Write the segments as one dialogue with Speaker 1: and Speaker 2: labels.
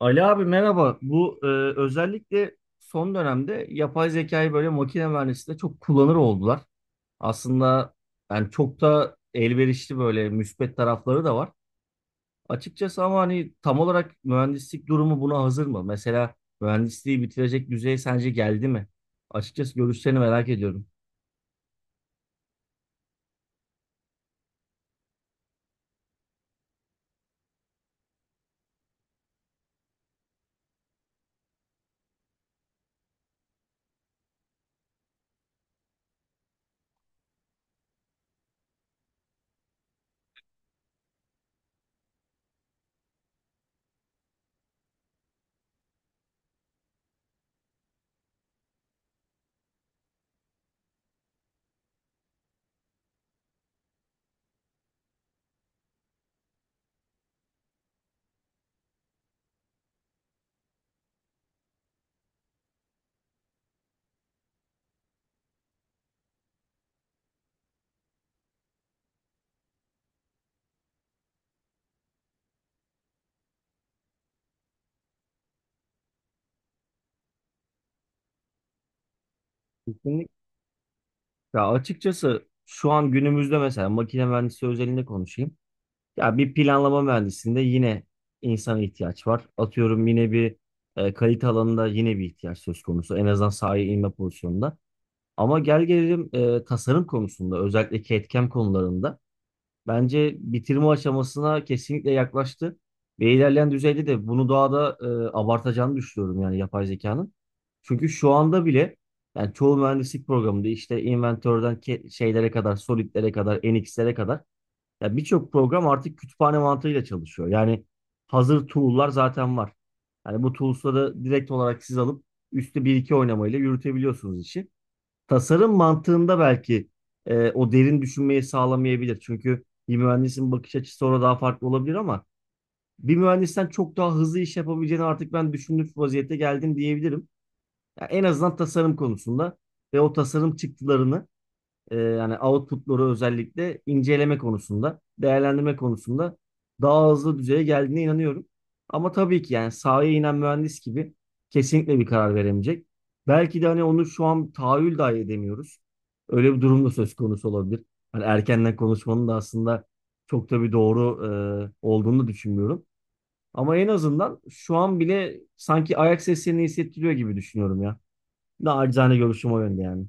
Speaker 1: Ali abi merhaba. Özellikle son dönemde yapay zekayı böyle makine mühendisliğinde çok kullanır oldular. Aslında çok da elverişli böyle müspet tarafları da var. Açıkçası ama hani tam olarak mühendislik durumu buna hazır mı? Mesela mühendisliği bitirecek düzeye sence geldi mi? Açıkçası görüşlerini merak ediyorum. Kesinlikle. Ya açıkçası şu an günümüzde mesela makine mühendisliği özelinde konuşayım. Ya bir planlama mühendisinde yine insana ihtiyaç var. Atıyorum yine bir kalite alanında yine bir ihtiyaç söz konusu. En azından sahaya inme pozisyonunda. Ama gel gelelim tasarım konusunda özellikle CAD/CAM konularında bence bitirme aşamasına kesinlikle yaklaştı. Ve ilerleyen düzeyde de bunu daha da abartacağını düşünüyorum yani yapay zekanın. Çünkü şu anda bile yani çoğu mühendislik programında işte inventörden şeylere kadar, solidlere kadar, NX'lere kadar ya birçok program artık kütüphane mantığıyla çalışıyor. Yani hazır tool'lar zaten var. Yani bu tools'ları direkt olarak siz alıp üstü bir iki oynamayla yürütebiliyorsunuz işi. Tasarım mantığında belki o derin düşünmeyi sağlamayabilir. Çünkü bir mühendisin bakış açısı orada daha farklı olabilir ama bir mühendisten çok daha hızlı iş yapabileceğini artık ben düşündüğüm vaziyette geldim diyebilirim. Ya en azından tasarım konusunda ve o tasarım çıktılarını yani output'ları özellikle inceleme konusunda, değerlendirme konusunda daha hızlı düzeye geldiğine inanıyorum. Ama tabii ki yani sahaya inen mühendis gibi kesinlikle bir karar veremeyecek. Belki de hani onu şu an tahayyül dahi edemiyoruz. Öyle bir durum da söz konusu olabilir. Hani erkenden konuşmanın da aslında çok da bir doğru olduğunu düşünmüyorum. Ama en azından şu an bile sanki ayak seslerini hissettiriyor gibi düşünüyorum ya. Nacizane görüşüm o yönde yani.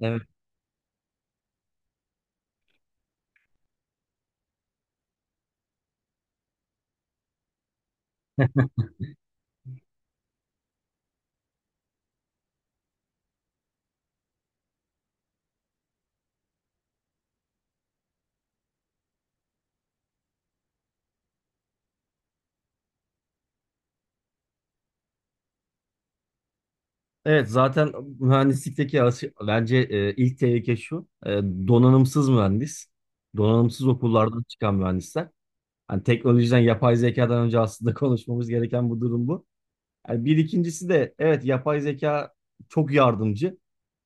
Speaker 1: Evet. Evet zaten mühendislikteki bence ilk tehlike şu. Donanımsız mühendis. Donanımsız okullardan çıkan mühendisler. Hani teknolojiden, yapay zekadan önce aslında konuşmamız gereken bu durum bu. Yani bir ikincisi de evet yapay zeka çok yardımcı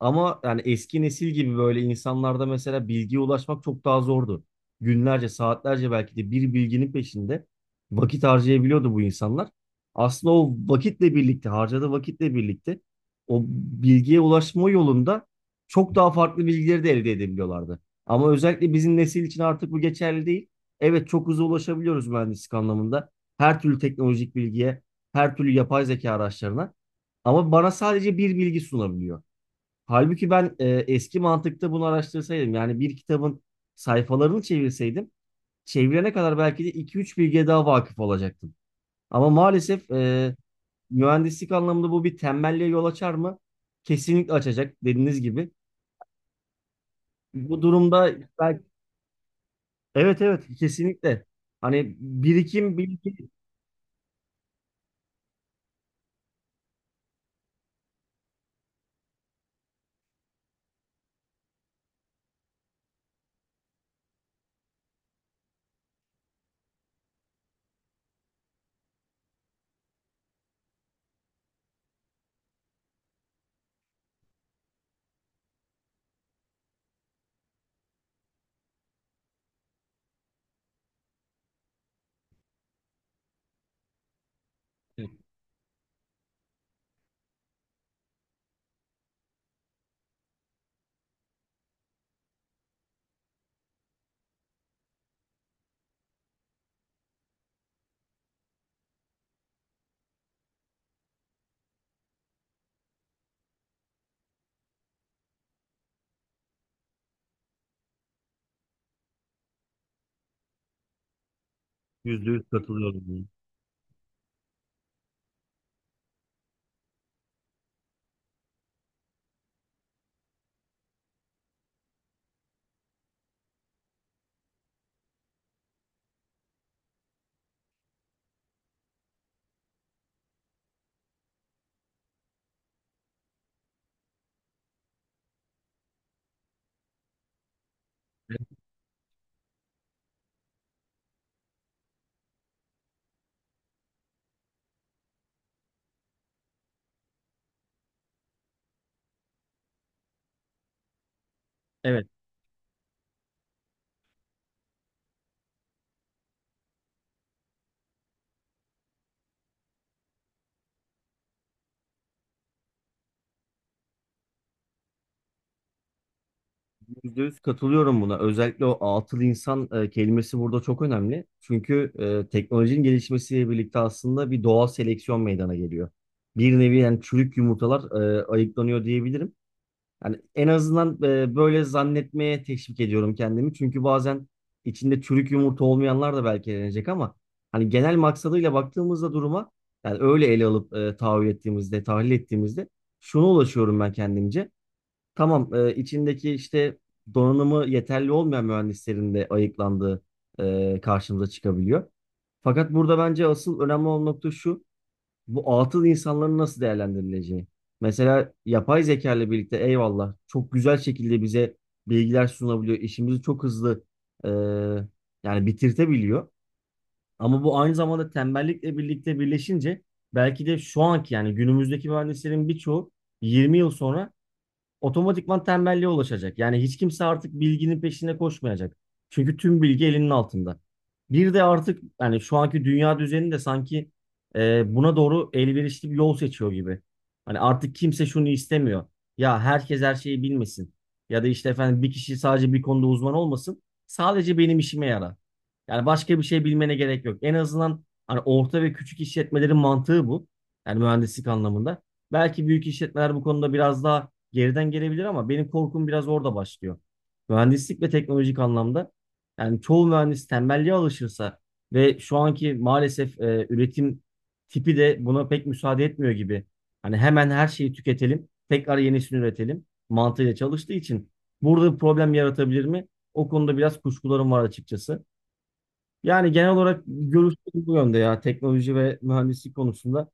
Speaker 1: ama yani eski nesil gibi böyle insanlarda mesela bilgiye ulaşmak çok daha zordu. Günlerce, saatlerce belki de bir bilginin peşinde vakit harcayabiliyordu bu insanlar. Aslında o vakitle birlikte, harcadığı vakitle birlikte o bilgiye ulaşma yolunda çok daha farklı bilgileri de elde edebiliyorlardı. Ama özellikle bizim nesil için artık bu geçerli değil. Evet çok hızlı ulaşabiliyoruz mühendislik anlamında. Her türlü teknolojik bilgiye her türlü yapay zeka araçlarına. Ama bana sadece bir bilgi sunabiliyor. Halbuki ben eski mantıkta bunu araştırsaydım yani bir kitabın sayfalarını çevirseydim çevirene kadar belki de iki üç bilgiye daha vakıf olacaktım. Ama maalesef mühendislik anlamında bu bir tembelliğe yol açar mı? Kesinlikle açacak dediğiniz gibi. Bu durumda belki, evet evet kesinlikle. Hani birikim bilgi yüzde yüz katılıyorum. Evet. %100 katılıyorum buna. Özellikle o atıl insan kelimesi burada çok önemli. Çünkü teknolojinin gelişmesiyle birlikte aslında bir doğal seleksiyon meydana geliyor. Bir nevi yani çürük yumurtalar ayıklanıyor diyebilirim. Yani en azından böyle zannetmeye teşvik ediyorum kendimi. Çünkü bazen içinde çürük yumurta olmayanlar da belki elenecek ama hani genel maksadıyla baktığımızda duruma yani öyle ele alıp tahayyül ettiğimizde, tahlil ettiğimizde şuna ulaşıyorum ben kendimce. Tamam, içindeki işte donanımı yeterli olmayan mühendislerin de ayıklandığı karşımıza çıkabiliyor. Fakat burada bence asıl önemli olan nokta şu, bu atıl insanların nasıl değerlendirileceği. Mesela yapay zeka ile birlikte eyvallah çok güzel şekilde bize bilgiler sunabiliyor. İşimizi çok hızlı e, yani bitirtebiliyor. Ama bu aynı zamanda tembellikle birlikte birleşince belki de şu anki yani günümüzdeki mühendislerin birçoğu 20 yıl sonra otomatikman tembelliğe ulaşacak. Yani hiç kimse artık bilginin peşinde koşmayacak. Çünkü tüm bilgi elinin altında. Bir de artık yani şu anki dünya düzeni de sanki buna doğru elverişli bir yol seçiyor gibi. Hani artık kimse şunu istemiyor. Ya herkes her şeyi bilmesin. Ya da işte efendim bir kişi sadece bir konuda uzman olmasın. Sadece benim işime yarar. Yani başka bir şey bilmene gerek yok. En azından hani orta ve küçük işletmelerin mantığı bu. Yani mühendislik anlamında. Belki büyük işletmeler bu konuda biraz daha geriden gelebilir ama benim korkum biraz orada başlıyor. Mühendislik ve teknolojik anlamda yani çoğu mühendis tembelliğe alışırsa ve şu anki maalesef üretim tipi de buna pek müsaade etmiyor gibi. Hani hemen her şeyi tüketelim, tekrar yenisini üretelim mantığıyla çalıştığı için burada bir problem yaratabilir mi? O konuda biraz kuşkularım var açıkçası. Yani genel olarak görüşüm bu yönde ya teknoloji ve mühendislik konusunda.